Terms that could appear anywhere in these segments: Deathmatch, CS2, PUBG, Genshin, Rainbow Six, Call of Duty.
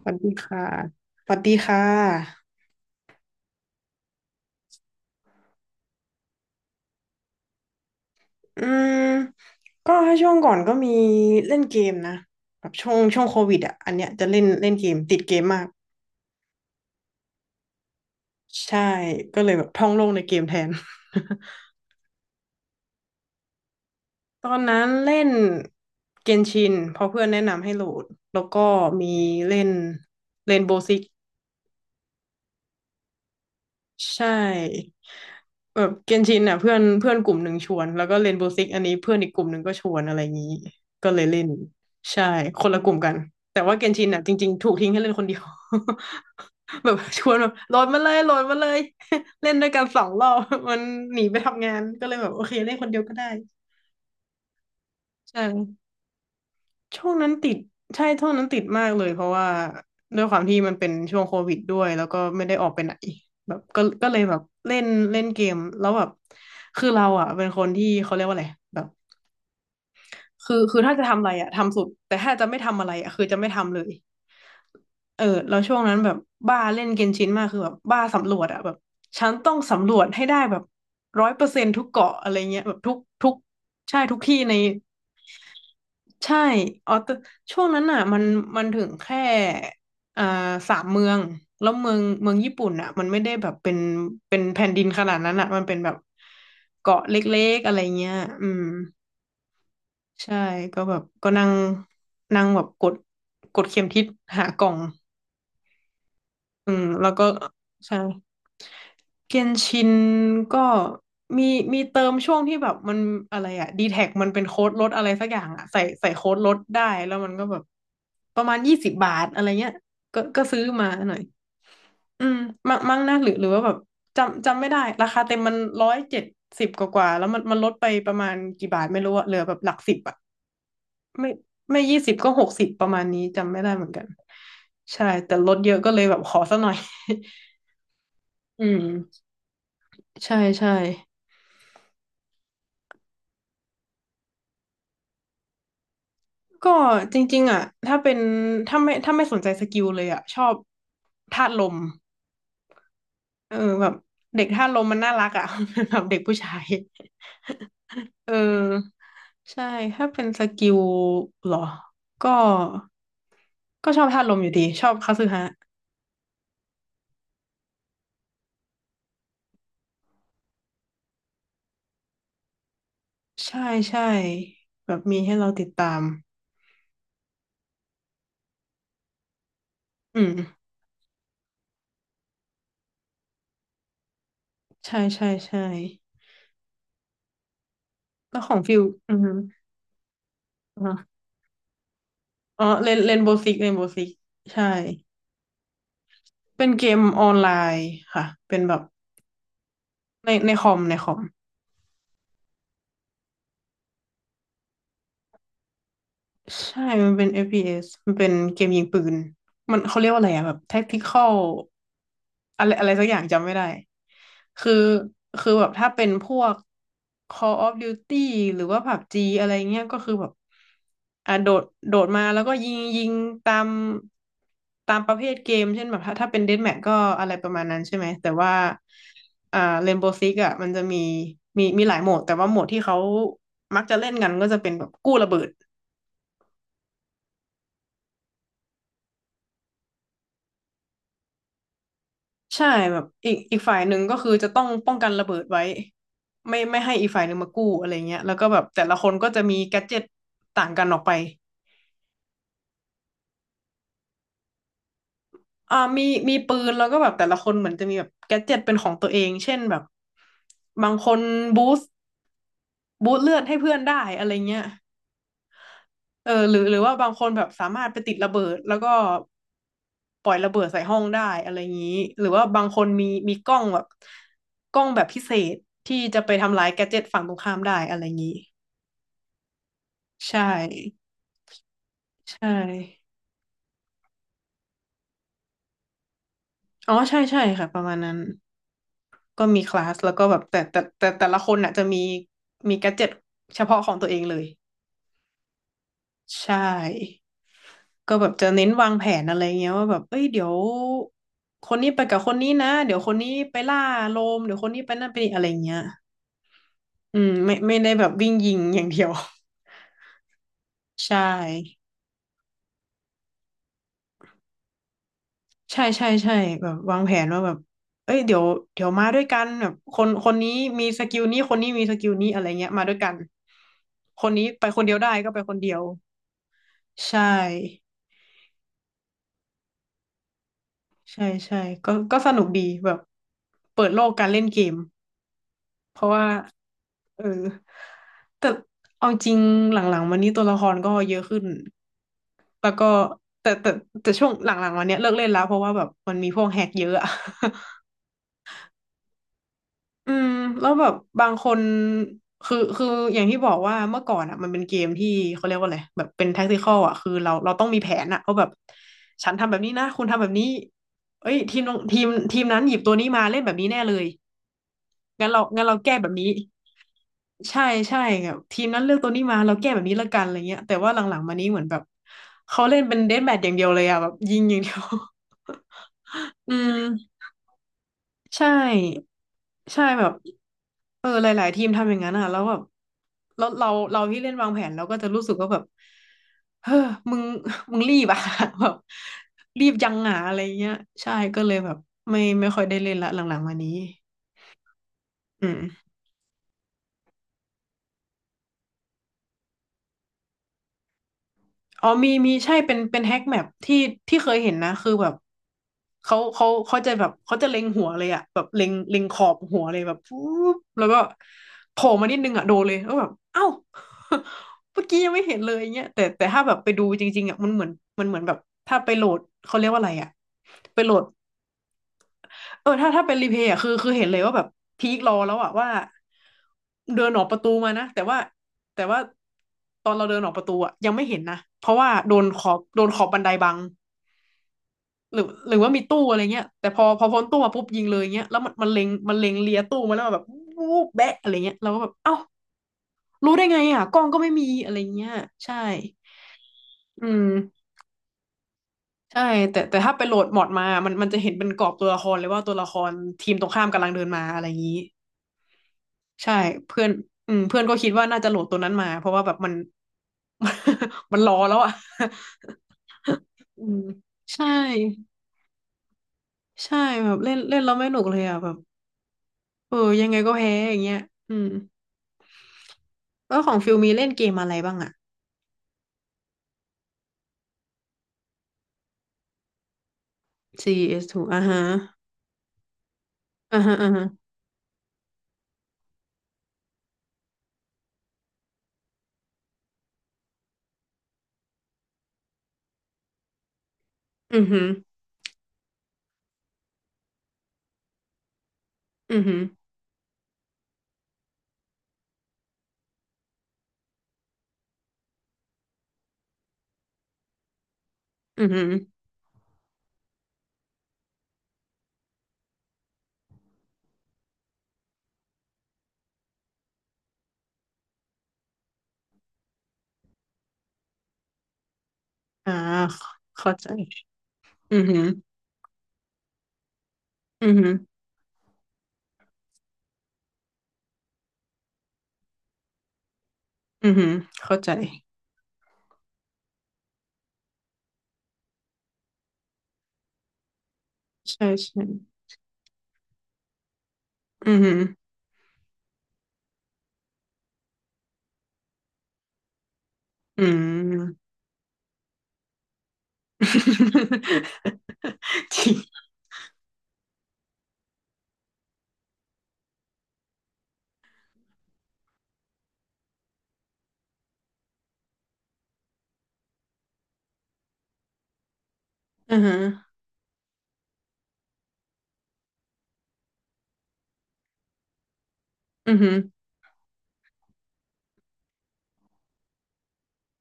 สวัสดีค่ะสวัสดีค่ะอืมก็ถ้าช่วงก่อนก็มีเล่นเกมนะแบบช่วงโควิดอ่ะอันเนี้ยจะเล่นเล่นเกมติดเกมมาก ใช่ ก็เลยแบบท่องโลกในเกมแทน ตอนนั้นเล่นเกนชินเพราะเพื่อนแนะนำให้โหลดแล้วก็มีเล่นเรนโบว์ซิก ใช่แบบเกนชินอ่ะเพื่อนเพื่อนกลุ่มหนึ่งชวนแล้วก็เรนโบว์ซิกอันนี้เพื่อนอีกกลุ่มหนึ่งก็ชวนอะไรอย่างนี้ก็เลยเล่นใช่คนละกลุ่มกันแต่ว่าเกนชินอ่ะจริงๆถูกทิ้งให้เล่นคนเดียว แบบชวนแบบโหลดมาเลยโหลดมาเลย เล่นด้วยกัน2 รอบ มันหนีไปทำงานก็เลยแบบโอเคเล่นคนเดียวก็ได้ใช่ ช่วงนั้นติดใช่ช่วงนั้นติดมากเลยเพราะว่าด้วยความที่มันเป็นช่วงโควิดด้วยแล้วก็ไม่ได้ออกไปไหนแบบก็เลยแบบเล่นเล่นเกมแล้วแบบคือเราอ่ะเป็นคนที่เขาเรียกว่าอะไรแบบคือถ้าจะทำอะไรอ่ะทำสุดแต่ถ้าจะไม่ทำอะไรอ่ะคือจะไม่ทำเลย เออแล้วช่วงนั้นแบบบ้าเล่นเกนชินมากคือแบบบ้าสำรวจอะแบบฉันต้องสำรวจให้ได้แบบ100%ทุกเกาะอะไรเงี้ยแบบทุกทุกใช่ทุกที่ในใช่อ๋อแต่ช่วงนั้นอะมันถึงแค่อ่า3 เมืองแล้วเมืองญี่ปุ่นอะมันไม่ได้แบบเป็นแผ่นดินขนาดนั้นอะมันเป็นแบบเกาะเล็กๆอะไรเงี้ยอืมใช่ก็แบบก็นั่งนั่งแบบกดเข็มทิศหากล่อง อืมแล้วก็ใช่เกนชินก็มีมีเติมช่วงที่แบบมันอะไรอะดีแท็กมันเป็นโค้ดลดอะไรสักอย่างอะใส่โค้ดลดได้แล้วมันก็แบบประมาณ20 บาทอะไรเงี้ยก็ซื้อมาหน่อยอืมมั่งมั่งนะหรือว่าแบบจำไม่ได้ราคาเต็มมัน170กว่าๆแล้วมันลดไปประมาณกี่บาทไม่รู้อะเหลือแบบหลักสิบอะไม่ไม่ยี่สิบก็60ประมาณนี้จำไม่ได้เหมือนกันใช่แต่ลดเยอะก็เลยแบบขอซะหน่อย อืมใช่ใช่ก็จริงๆอ่ะถ้าเป็นถ้าไม่ถ้าไม่สนใจสกิลเลยอ่ะชอบธาตุลมเออแบบเด็กธาตุลมมันน่ารักอ่ะ แบบเด็กผู้ชายเออใช่ถ้าเป็นสกิลเหรอก็ก็ชอบธาตุลมอยู่ดีชอบคาสึฮะใช่ใช่แบบมีให้เราติดตามอืมใช่ใช่ใช่แล้วของฟิลอืมอฮึอ๋ออ๋อเล่นเล่นโบว์ซิกเล่นโบว์ซิกใช่ เป็นเกมออนไลน์ค่ะ เป็นแบบในคอมในคอม ใช่มันเป็น FPS มันเป็นเกมยิงปืนมันเขาเรียกว่าอะไรอะแบบ tactical อะไรอะไรสักอย่างจำไม่ได้คือคือแบบถ้าเป็นพวก Call of Duty หรือว่า PUBG อะไรเงี้ยก็คือแบบอ่ะโดดมาแล้วก็ยิงตามตามประเภทเกมเช่นแบบถ้าเป็น Deathmatch ก็อะไรประมาณนั้นใช่ไหมแต่ว่าอ่า Rainbow Six อ่ะมันจะมีหลายโหมดแต่ว่าโหมดที่เขามักจะเล่นกันก็จะเป็นแบบกู้ระเบิด ใช่แบบอีกฝ่ายหนึ่งก็คือจะต้องป้องกันระเบิดไว้ไม่ให้อีกฝ่ายหนึ่งมากู้อะไรเงี้ยแล้วก็แบบแต่ละคนก็จะมีแกดเจ็ตต่างกันออกไปมีปืนแล้วก็แบบแต่ละคนเหมือนจะมีแบบแกดเจ็ตเป็นของตัวเองเช่นแบบบางคนบูสต์บูสต์เลือดให้เพื่อนได้อะไรเงี้ย เออหรือว่าบางคนแบบสามารถไปติดระเบิดแล้วก็ปล่อยระเบิดใส่ห้องได้อะไรอย่างนี้หรือว่าบางคนมีกล้องแบบพิเศษที่จะไปทำลายแกดเจ็ตฝั่งตรงข้ามได้อะไรอย่างนี้ใช่ใช่อ๋อใช่ใช่ค่ะประมาณนั้นก็มีคลาสแล้วก็แบบแต่ละคนน่ะจะมีแกดเจ็ตเฉพาะของตัวเองเลยใช่ ก็แบบจะเน้นวางแผนอะไรเงี้ยว่าแบบเอ้ยเดี๋ยวคนนี้ไปกับคนนี้นะเดี๋ยวคนนี้ไปล่าโลมเดี๋ยวคนนี้ไปนั่นไปนี่อะไรเงี้ยอืมไม่ได้แบบวิ่งยิงอย่างเดียว ใช่ใช่ใช่ใช่แบบวางแผนว่าแบบเอ้ยเดี๋ยวมาด้วยกันแบบคนคนนี้มีสกิลนี้คนนี้มีสกิลนี้อะไรเงี้ยมาด้วยกันคนนี้ไปคนเดียวได้ก็ไปคนเดียวใช่ใช่ใช่ก็สนุกดีแบบเปิดโลกการเล่นเกมเพราะว่าเออ แต่เอาจริงหลังๆมานี้ตัวละครก็เยอะขึ้นแล้วก็แต่แต่แต่ช่วงหลังๆมาเนี้ยเลิกเล่นแล้วเพราะว่าแบบมันมีพวกแฮกเยอะอะ อืมแล้วแบบบางคนคืออย่างที่บอกว่าเมื่อก่อนอ่ะมันเป็นเกมที่เขาเรียกว่าอะไรแบบเป็นแท็กติคอลอ่ะคือเราต้องมีแผนอ่ะว่าแบบฉันทำแบบนี้นะคุณทำแบบนี้เอ้ยทีมทีมนั้นหยิบตัวนี้มาเล่นแบบนี้แน่เลยงั้นเราแก้แบบนี้ ใช่ใช่แบบทีมนั้นเลือกตัวนี้มาเราแก้แบบนี้ละกันอะไรเงี้ยแต่ว่าหลังๆมานี้เหมือนแบบเขาเล่นเป็นเดธแมทอย่างเดียวเลยอะแบบยิงอย่างเดียว อืมใช่ใช่แบบหลายๆทีมทำอย่างนั้นอ่ะแล้วแบบแล้วเราที่เล่นวางแผนเราก็จะรู้สึกว่าแบบเฮ้อมึงมึงรีบอ่ะ แบบรีบยังหาอะไรเงี้ยใช่ก็เลยแบบไม่ค่อยได้เล่นละหลังๆมานี้อืม อ๋อมีใช่เป็นแฮกแมปที่ที่เคยเห็นนะคือแบบเขาจะแบบเขาจะเล็งหัวเลยอะแบบเล็งขอบหัวเลยแบบปุ๊บแล้วก็โผล่มานิดนึงอะโดนเลยแล้วแบบเอ้า เมื่อกี้ยังไม่เห็นเลยอย่างเงี้ยแต่ถ้าแบบไปดูจริงๆอะมันเหมือนมันเหมือนแบบถ้าไปโหลดเขาเรียกว่าอะไรอะไปโหลด เออถ้าเป็นรีเพย์อ่ะคือเห็นเลยว่าแบบพีครอแล้วอ่ะว่าเดินออกประตูมานะแต่ว่าแต่ว่าตอนเราเดินออกประตูอ่ะยังไม่เห็นนะเพราะว่าโดนขอบโดนขอบบันไดบังหรือหรือว่ามีตู้อะไรเงี้ยแต่พอพ้นตู้มาปุ๊บยิงเลยเงี้ยแล้วมันเล็งมันเล็งเลียตู้มาแล้วแบบวูบแบะอะไรเงี้ยเราก็แบบเอ้ารู้ได้ไงอ่ะกล้องก็ไม่มีอะไรเงี้ยใช่อืมใช่แต่ถ้าไปโหลดมอดมามันจะเห็นเป็นกรอบตัวละครเลยว่าตัวละครทีมตรงข้ามกำลังเดินมาอะไรอย่างนี้ ใช่เพื่อนอืมเพื่อนก็คิดว่าน่าจะโหลดตัวนั้นมาเพราะว่าแบบมัน มันรอแล้วอ่ะอืมใช่ใช่แบบเล่นเล่นแล้วไม่หนุกเลยอ่ะแบบเออยังไงก็แพ้อย่างเงี้ยอืมแล้วของฟิลมีเล่นเกมอะไรบ้างอ่ะ CS2 อสทูอ่าฮะอ่าฮะอ่าฮะอือหืออือหืออือหืออ่าเข้าใจอือหืออือหืออือหือเข้าใจใช่ใช่อือหืออืม จริงอือฮะ อือหือ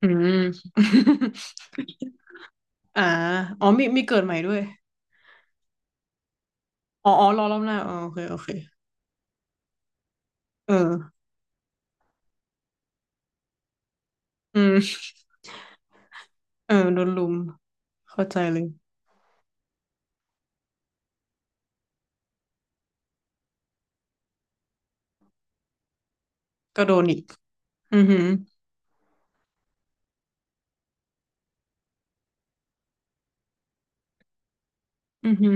อืม อ่าอ๋อมีเกิดใหม่ด้วยอ๋ออ๋อรอรอบหน้าอ๋อโอเคโอเคเอออืมเออโดนลุมเข้าใจเลยก็โดนอีกอือหืออือหือ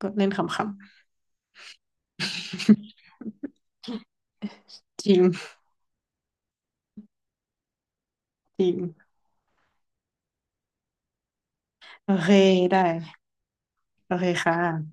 ก็เล่นขำๆ จริงจริงโอเคได้โอเคค่ะ